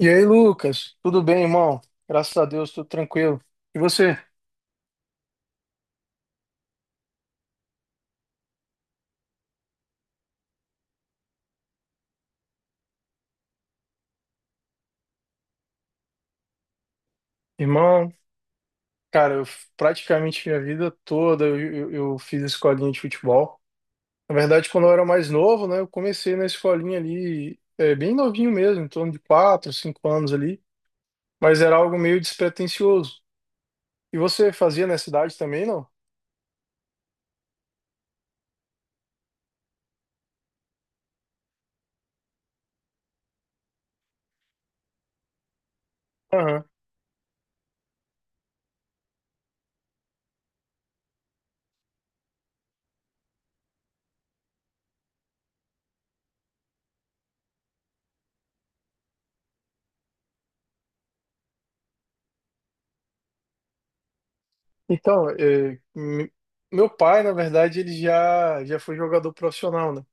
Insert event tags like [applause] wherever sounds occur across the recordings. E aí, Lucas? Tudo bem, irmão? Graças a Deus, tudo tranquilo. E você? Irmão, cara, praticamente minha vida toda eu fiz escolinha de futebol. Na verdade, quando eu era mais novo, né, eu comecei na escolinha ali, bem novinho mesmo, em torno de 4, 5 anos ali, mas era algo meio despretensioso. E você fazia nessa idade também, não? Aham. Então, meu pai, na verdade, já foi jogador profissional, né?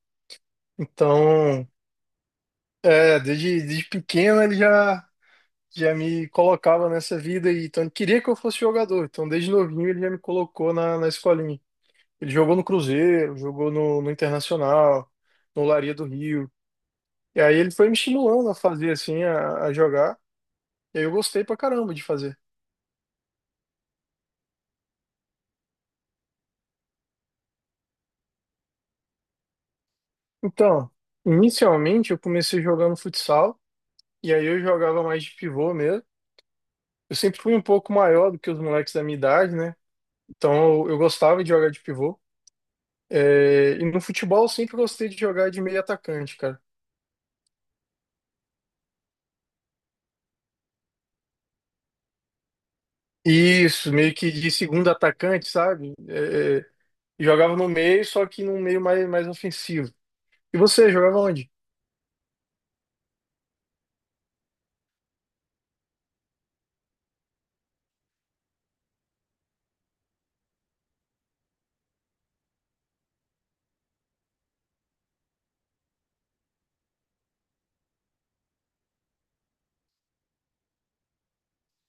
Então. Desde pequeno já me colocava nessa vida e então ele queria que eu fosse jogador. Então desde novinho ele já me colocou na escolinha. Ele jogou no Cruzeiro, jogou no Internacional, no Laria do Rio. E aí ele foi me estimulando a fazer assim, a jogar. E aí eu gostei pra caramba de fazer. Então, inicialmente eu comecei jogando futsal e aí eu jogava mais de pivô mesmo. Eu sempre fui um pouco maior do que os moleques da minha idade, né? Então eu gostava de jogar de pivô. É, e no futebol eu sempre gostei de jogar de meio atacante, cara. Isso, meio que de segundo atacante, sabe? Jogava no meio, só que num meio mais ofensivo. E você, jogava onde?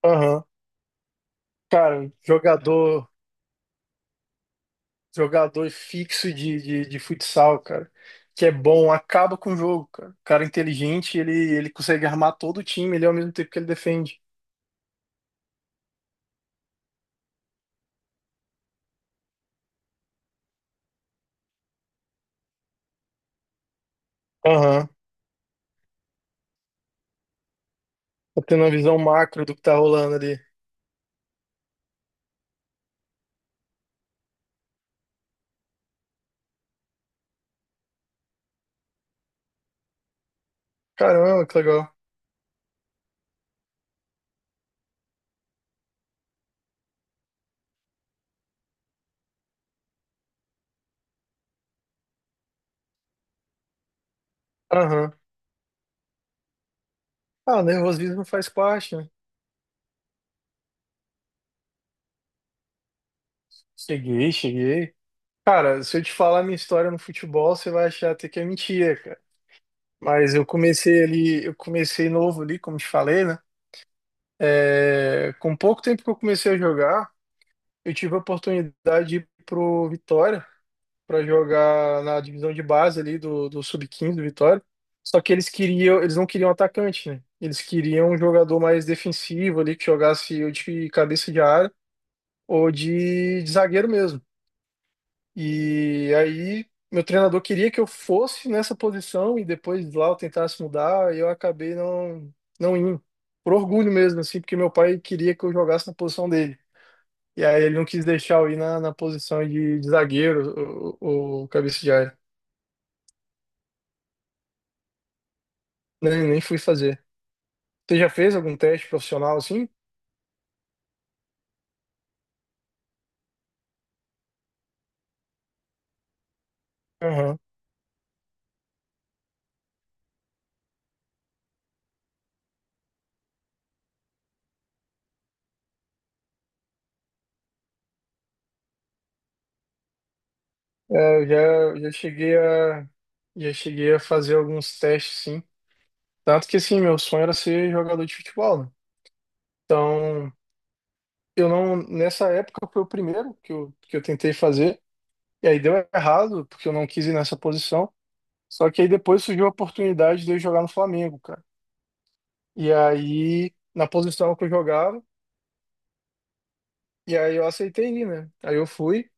Aham. Cara, jogador fixo de futsal, cara, que é bom, acaba com o jogo, cara. Cara é inteligente, ele consegue armar todo o time, ele ao mesmo tempo que ele defende. Aham. Tá tendo uma visão macro do que tá rolando ali. Caramba, que legal. Aham. Ah, nervosismo faz parte, né? Cheguei, cheguei. Cara, se eu te falar minha história no futebol, você vai achar até que é mentira, cara. Mas eu comecei ali, eu comecei novo ali, como te falei, né? É, com pouco tempo que eu comecei a jogar, eu tive a oportunidade de ir pro Vitória para jogar na divisão de base ali do Sub-15 do Vitória. Só que eles queriam, eles não queriam atacante, né? Eles queriam um jogador mais defensivo ali que jogasse ou de cabeça de área ou de zagueiro mesmo. E aí, meu treinador queria que eu fosse nessa posição e depois lá eu tentasse mudar, e eu acabei não, não indo. Por orgulho mesmo, assim, porque meu pai queria que eu jogasse na posição dele. E aí ele não quis deixar eu ir na posição de zagueiro, o cabeça de área. Nem fui fazer. Você já fez algum teste profissional assim? Aham. É, eu já, já cheguei a, já cheguei a fazer alguns testes, sim. Tanto que, assim, meu sonho era ser jogador de futebol, né? Então, eu não. Nessa época foi o primeiro que eu tentei fazer. E aí deu errado, porque eu não quis ir nessa posição. Só que aí depois surgiu a oportunidade de eu jogar no Flamengo, cara. E aí, na posição que eu jogava, e aí eu aceitei ir, né? Aí eu fui,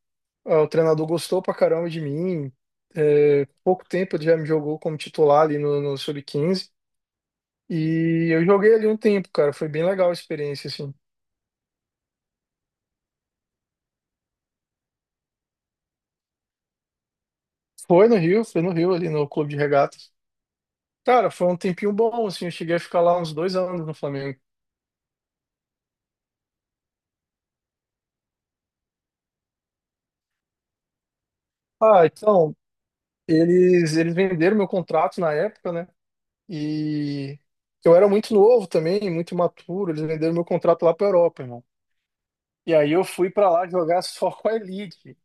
ah, o treinador gostou pra caramba de mim. É, pouco tempo ele já me jogou como titular ali no sub-15. E eu joguei ali um tempo, cara. Foi bem legal a experiência, assim. Foi no Rio, ali no Clube de Regatas. Cara, foi um tempinho bom, assim, eu cheguei a ficar lá uns 2 anos no Flamengo. Ah, então, eles venderam meu contrato na época, né? E eu era muito novo também, muito imaturo, eles venderam meu contrato lá pra Europa, irmão. E aí eu fui pra lá jogar [laughs] só com a Elite.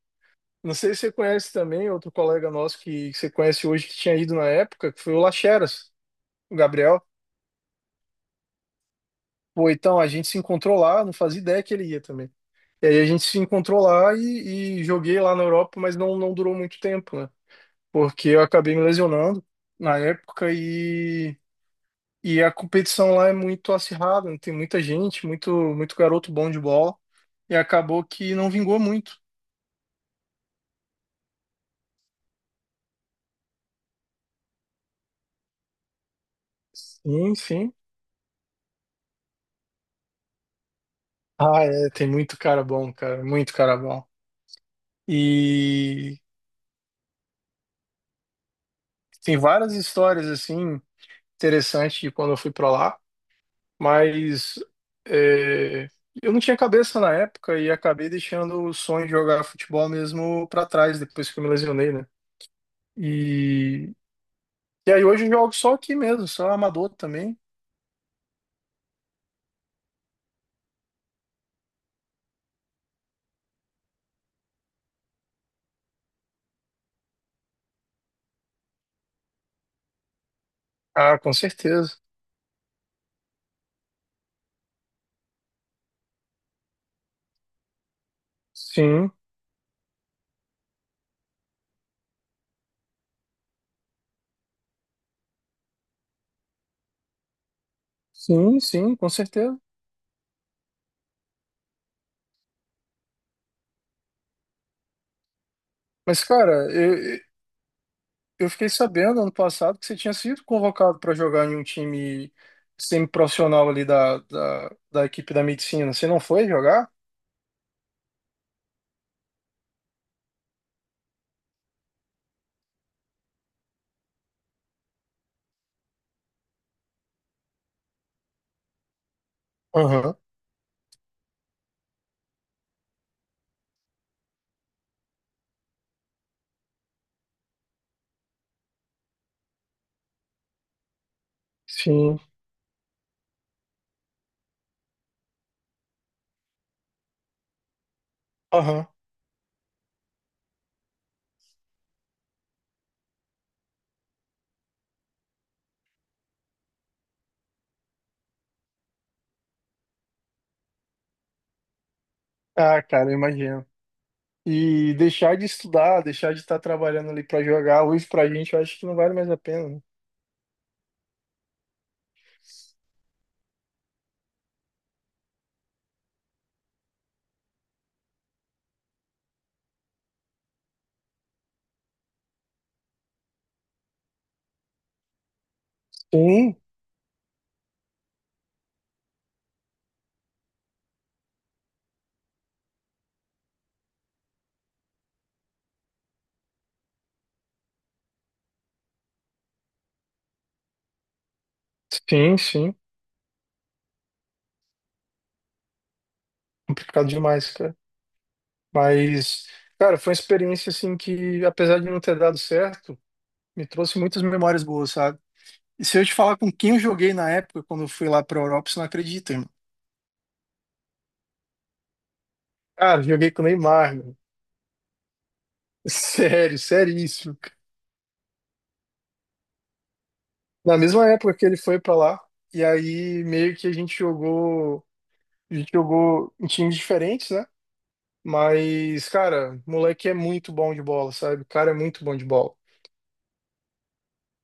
Não sei se você conhece também, outro colega nosso que você conhece hoje que tinha ido na época, que foi o Lacheras, o Gabriel. Pô, então, a gente se encontrou lá, não fazia ideia que ele ia também. E aí a gente se encontrou lá e joguei lá na Europa, mas não durou muito tempo, né? Porque eu acabei me lesionando na época e a competição lá é muito acirrada, né? Tem muita gente, muito garoto bom de bola, e acabou que não vingou muito. Sim, sim. Ah, é, tem muito cara bom, cara, muito cara bom. E tem várias histórias, assim, interessantes de quando eu fui pra lá, mas é, eu não tinha cabeça na época e acabei deixando o sonho de jogar futebol mesmo pra trás, depois que eu me lesionei, né? E E aí hoje eu jogo só aqui mesmo, só amador também. Ah, com certeza. Sim, sim, sim, com certeza. Mas, cara, eu fiquei sabendo ano passado que você tinha sido convocado para jogar em um time semi-profissional ali da equipe da medicina. Você não foi jogar? Aham, sim, aham. Ah, cara, eu imagino. E deixar de estudar, deixar de estar trabalhando ali para jogar, hoje pra gente eu acho que não vale mais a pena, né? Sim, sim, sim. Complicado demais, cara. Mas, cara, foi uma experiência assim que, apesar de não ter dado certo, me trouxe muitas memórias boas, sabe? E se eu te falar com quem eu joguei na época, quando eu fui lá pra Europa, você não acredita, irmão. Cara, eu joguei com o Neymar, meu. [laughs] Sério, seríssimo. Na mesma época que ele foi pra lá, e aí meio que a gente jogou em times diferentes, né? Mas, cara, o moleque é muito bom de bola, sabe? O cara é muito bom de bola.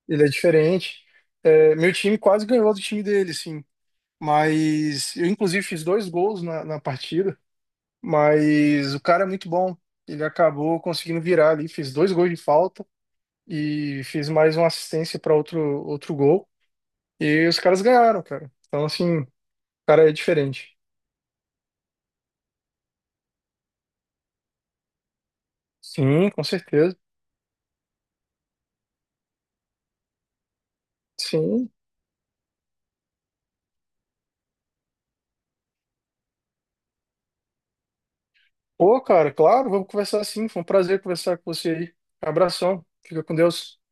Ele é diferente. É, meu time quase ganhou do time dele, assim. Mas eu, inclusive, fiz dois gols na partida. Mas o cara é muito bom. Ele acabou conseguindo virar ali. Fiz dois gols de falta e fiz mais uma assistência para outro gol. E os caras ganharam, cara. Então, assim, o cara é diferente. Sim, com certeza. Sim. Pô, cara, claro, vamos conversar sim. Foi um prazer conversar com você aí. Abração. Fica com Deus.